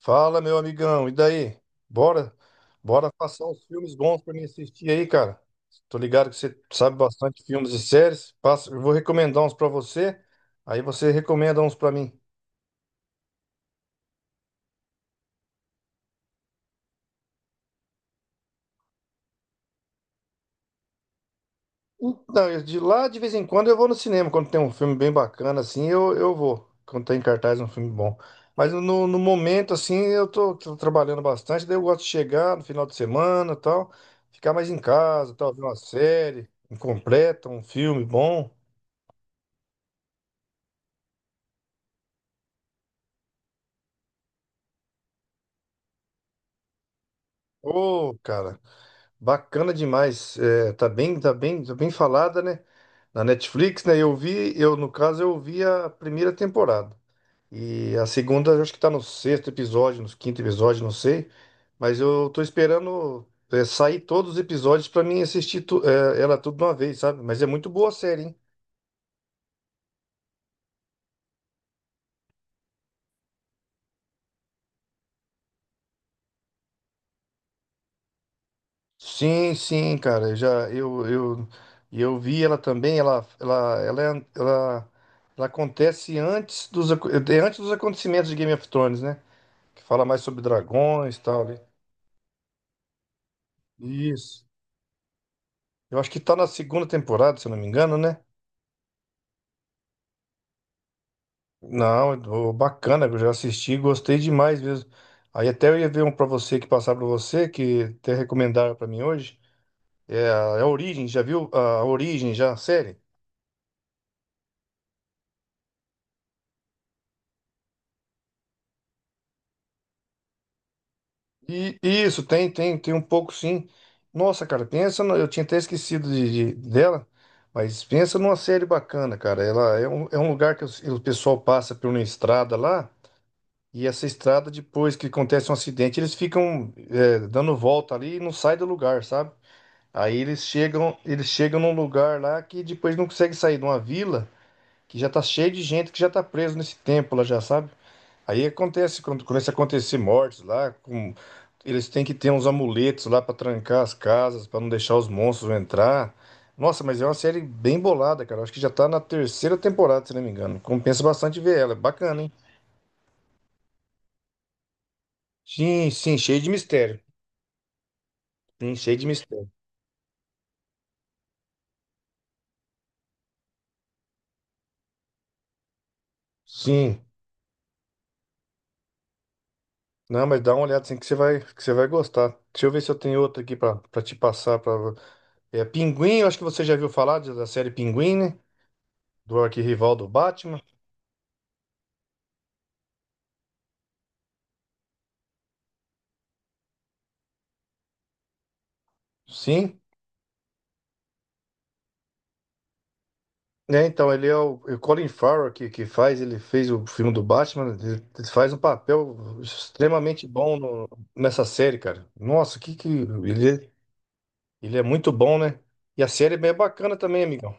Fala, meu amigão, e daí? Bora, bora passar uns filmes bons pra mim assistir aí, cara. Tô ligado que você sabe bastante filmes e séries. Passa, eu vou recomendar uns pra você, aí você recomenda uns pra mim. Então, de vez em quando eu vou no cinema, quando tem um filme bem bacana assim, eu vou. Quando tem em cartaz um filme bom. Mas no momento assim, eu tô trabalhando bastante, daí eu gosto de chegar no final de semana, e tal, ficar mais em casa, tal, ver uma série, incompleta um filme bom. Ô, cara, bacana demais. É, tá bem, tá bem, tá bem falada, né? Na Netflix, né? Eu vi, eu no caso, eu vi a primeira temporada. E a segunda, eu acho que tá no sexto episódio, no quinto episódio, não sei. Mas eu tô esperando sair todos os episódios pra mim assistir ela tudo de uma vez, sabe? Mas é muito boa a série, hein? Sim, sim, cara, eu já eu vi ela também, ela, ela acontece antes dos aco- é é antes dos acontecimentos de Game of Thrones, né? Que fala mais sobre dragões, e tal, né? Isso. Eu acho que tá na segunda temporada, se eu não me engano, né? Não, ô, bacana, eu já assisti, gostei demais mesmo. Aí até eu ia ver um pra você que passar pra você, que até recomendaram pra mim hoje. É a Origem, já viu a Origem já, a série? E isso, tem, tem, tem um pouco sim. Nossa, cara, pensa, eu tinha até esquecido dela, mas pensa numa série bacana, cara. Ela é um lugar que o pessoal passa por uma estrada lá, e essa estrada, depois que acontece um acidente, eles ficam dando volta ali e não sai do lugar, sabe? Aí eles chegam num lugar lá que depois não consegue sair de uma vila que já tá cheio de gente que já tá preso nesse tempo lá já, sabe? Aí acontece, quando começa a acontecer mortes lá, eles têm que ter uns amuletos lá pra trancar as casas, pra não deixar os monstros entrar. Nossa, mas é uma série bem bolada, cara. Acho que já tá na terceira temporada, se não me engano. Compensa bastante ver ela, é bacana, hein? Sim, sim, cheio de mistério. Sim, cheio de mistério. Sim. Não, mas dá uma olhada assim que você vai gostar. Deixa eu ver se eu tenho outra aqui pra te passar para é Pinguim, eu acho que você já viu falar da série Pinguim, né? Do arquirrival do Batman. Sim. É, então, ele é o Colin Farrell que faz, ele fez o filme do Batman, ele faz um papel extremamente bom nessa série, cara. Nossa, que ele é muito bom, né? E a série é bem bacana também, amigão.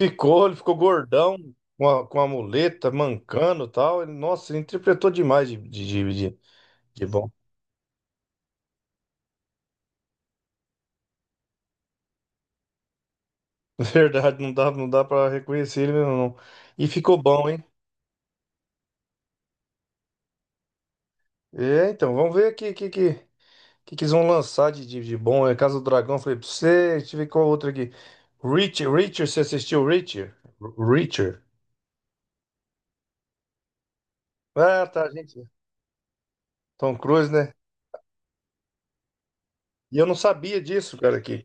Ficou, ele ficou gordão, com com a muleta, mancando e tal. Ele, nossa, ele interpretou demais de bom. Verdade, não dá para reconhecer ele mesmo, não. E ficou bom, hein? É, então, vamos ver aqui, que eles vão lançar de bom? É Casa do Dragão, falei pra você. Deixa eu ver qual outra aqui. Reacher, você assistiu Reacher? Reacher. Ah, tá, gente. Tom Cruise, né? E eu não sabia disso, cara,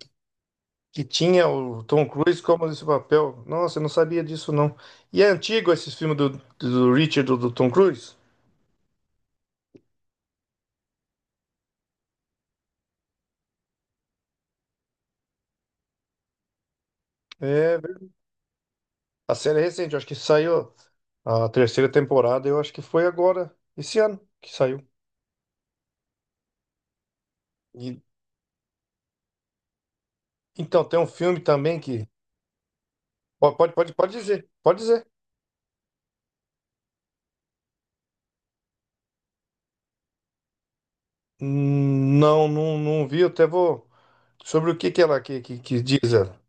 que tinha o Tom Cruise como esse papel. Nossa, eu não sabia disso, não. E é antigo esse filme do Richard do Tom Cruise? É, ver- a série é recente, eu acho que saiu a terceira temporada, eu acho que foi agora, esse ano que saiu. E- então, tem um filme também que... Pode dizer, pode dizer. Não, não vi. Eu até vou. Sobre o que que que diz ela?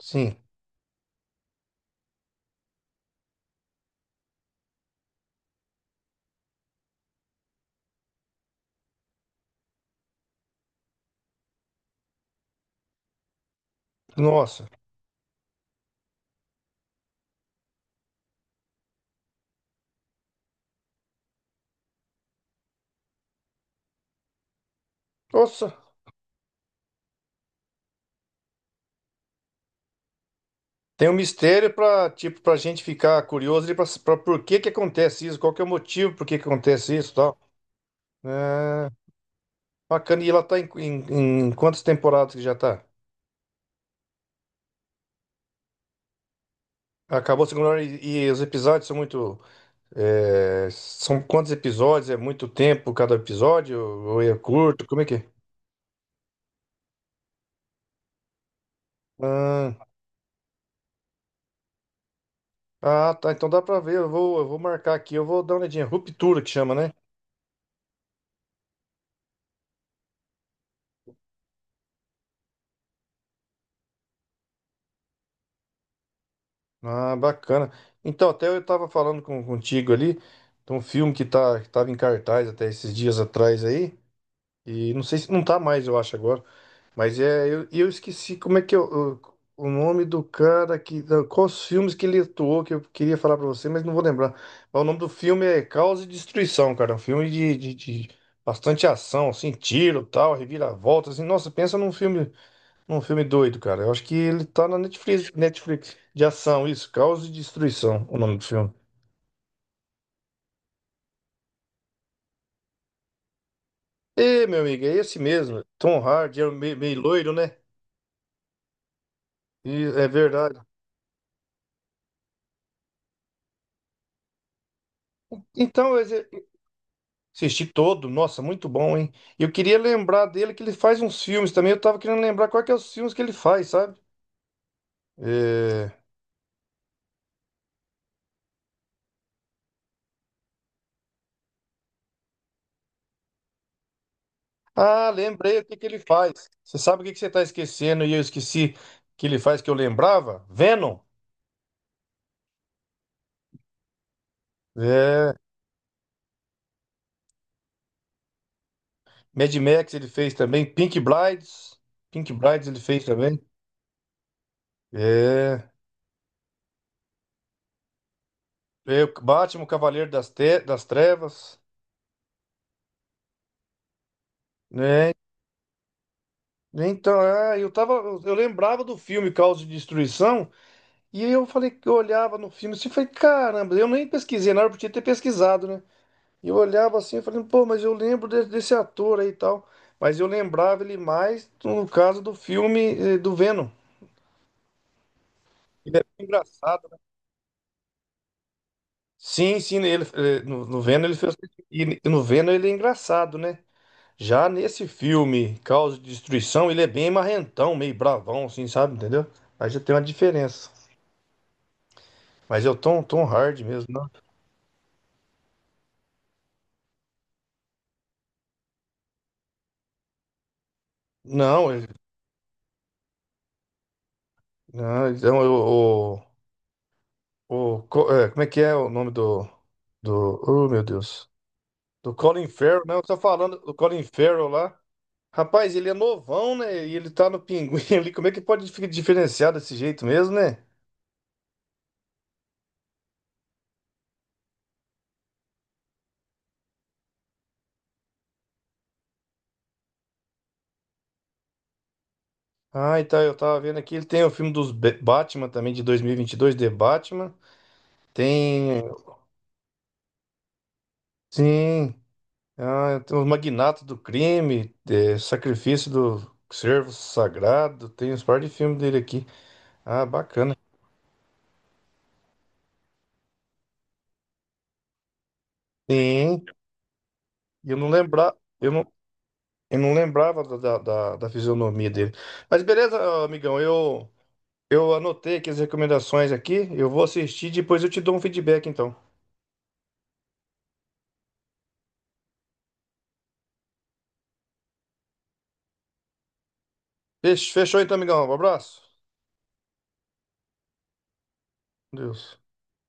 Sim. Nossa. Nossa. Tem um mistério para tipo para gente ficar curioso e para por que que acontece isso? Qual que é o motivo por que que acontece isso, e tal? É, bacana. E ela tá em quantas temporadas que já tá? Acabou a segunda e os episódios são muito são quantos episódios? É muito tempo cada episódio ou é curto? Como é que é? Ah, ah, tá. Então dá pra ver. Eu vou marcar aqui. Eu vou dar uma olhadinha. Ruptura que chama, né? Ah, bacana. Então, até eu tava falando contigo ali de um filme que tava em cartaz até esses dias atrás aí. E não sei se não tá mais, eu acho, agora. Mas é, eu esqueci como é que o nome do cara Quais os filmes que ele atuou que eu queria falar pra você, mas não vou lembrar. Mas o nome do filme é Caos e Destruição, cara. É um filme de bastante ação, assim, tiro, tal, reviravolta, assim. Nossa, pensa num filme. Um filme doido, cara. Eu acho que ele tá na Netflix, Netflix de ação, isso, Caos e Destruição, o nome do filme. Ê, meu amigo, é esse mesmo. Tom Hardy é meio loiro, né? É verdade. Então, mas eu assisti todo, nossa, muito bom, hein? Eu queria lembrar dele que ele faz uns filmes também. Eu tava querendo lembrar quais que é os filmes que ele faz, sabe? É... Ah, lembrei o que que ele faz. Você sabe o que que você tá esquecendo e eu esqueci que ele faz que eu lembrava? Venom. É. Mad Max ele fez também. Pink Brides. Pink Brides ele fez também. É. É, o Batman, o Cavaleiro das, das Trevas. Né? Então, é, eu tava. Eu lembrava do filme Caos de Destruição. E aí eu falei que eu olhava no filme assim e falei, caramba, eu nem pesquisei na hora, eu podia ter pesquisado, né? E eu olhava assim e falei, pô, mas eu lembro desse ator aí e tal. Mas eu lembrava ele mais no caso do filme eh, do Venom. Ele é bem engraçado. Sim, sim, ele, eh, no, no Venom ele fez. E no Venom ele é engraçado, né? Já nesse filme, Causa de Destruição, ele é bem marrentão, meio bravão, assim, sabe? Entendeu? Aí já tem uma diferença. Mas é o Tom Hardy mesmo, não? Não, então como é que é o nome do, do. Oh, meu Deus. Do Colin Farrell, né? Eu tô falando do Colin Farrell lá. Rapaz, ele é novão, né? E ele tá no pinguim ali. Como é que pode ficar diferenciado desse jeito mesmo, né? Ah, e tá, eu tava vendo aqui, ele tem o filme dos Batman também, de dois mil e vinte e dois The Batman. Tem, sim, ah, tem os Magnatos do Crime, eh, Sacrifício do Servo Sagrado, tem uns par de filmes dele aqui. Ah, bacana. Sim, e eu não lembrava, eu não lembrava da fisionomia dele. Mas beleza, amigão, eu anotei aqui as recomendações aqui, eu vou assistir, e depois eu te dou um feedback, então. Fechou então, amigão, um abraço. Deus.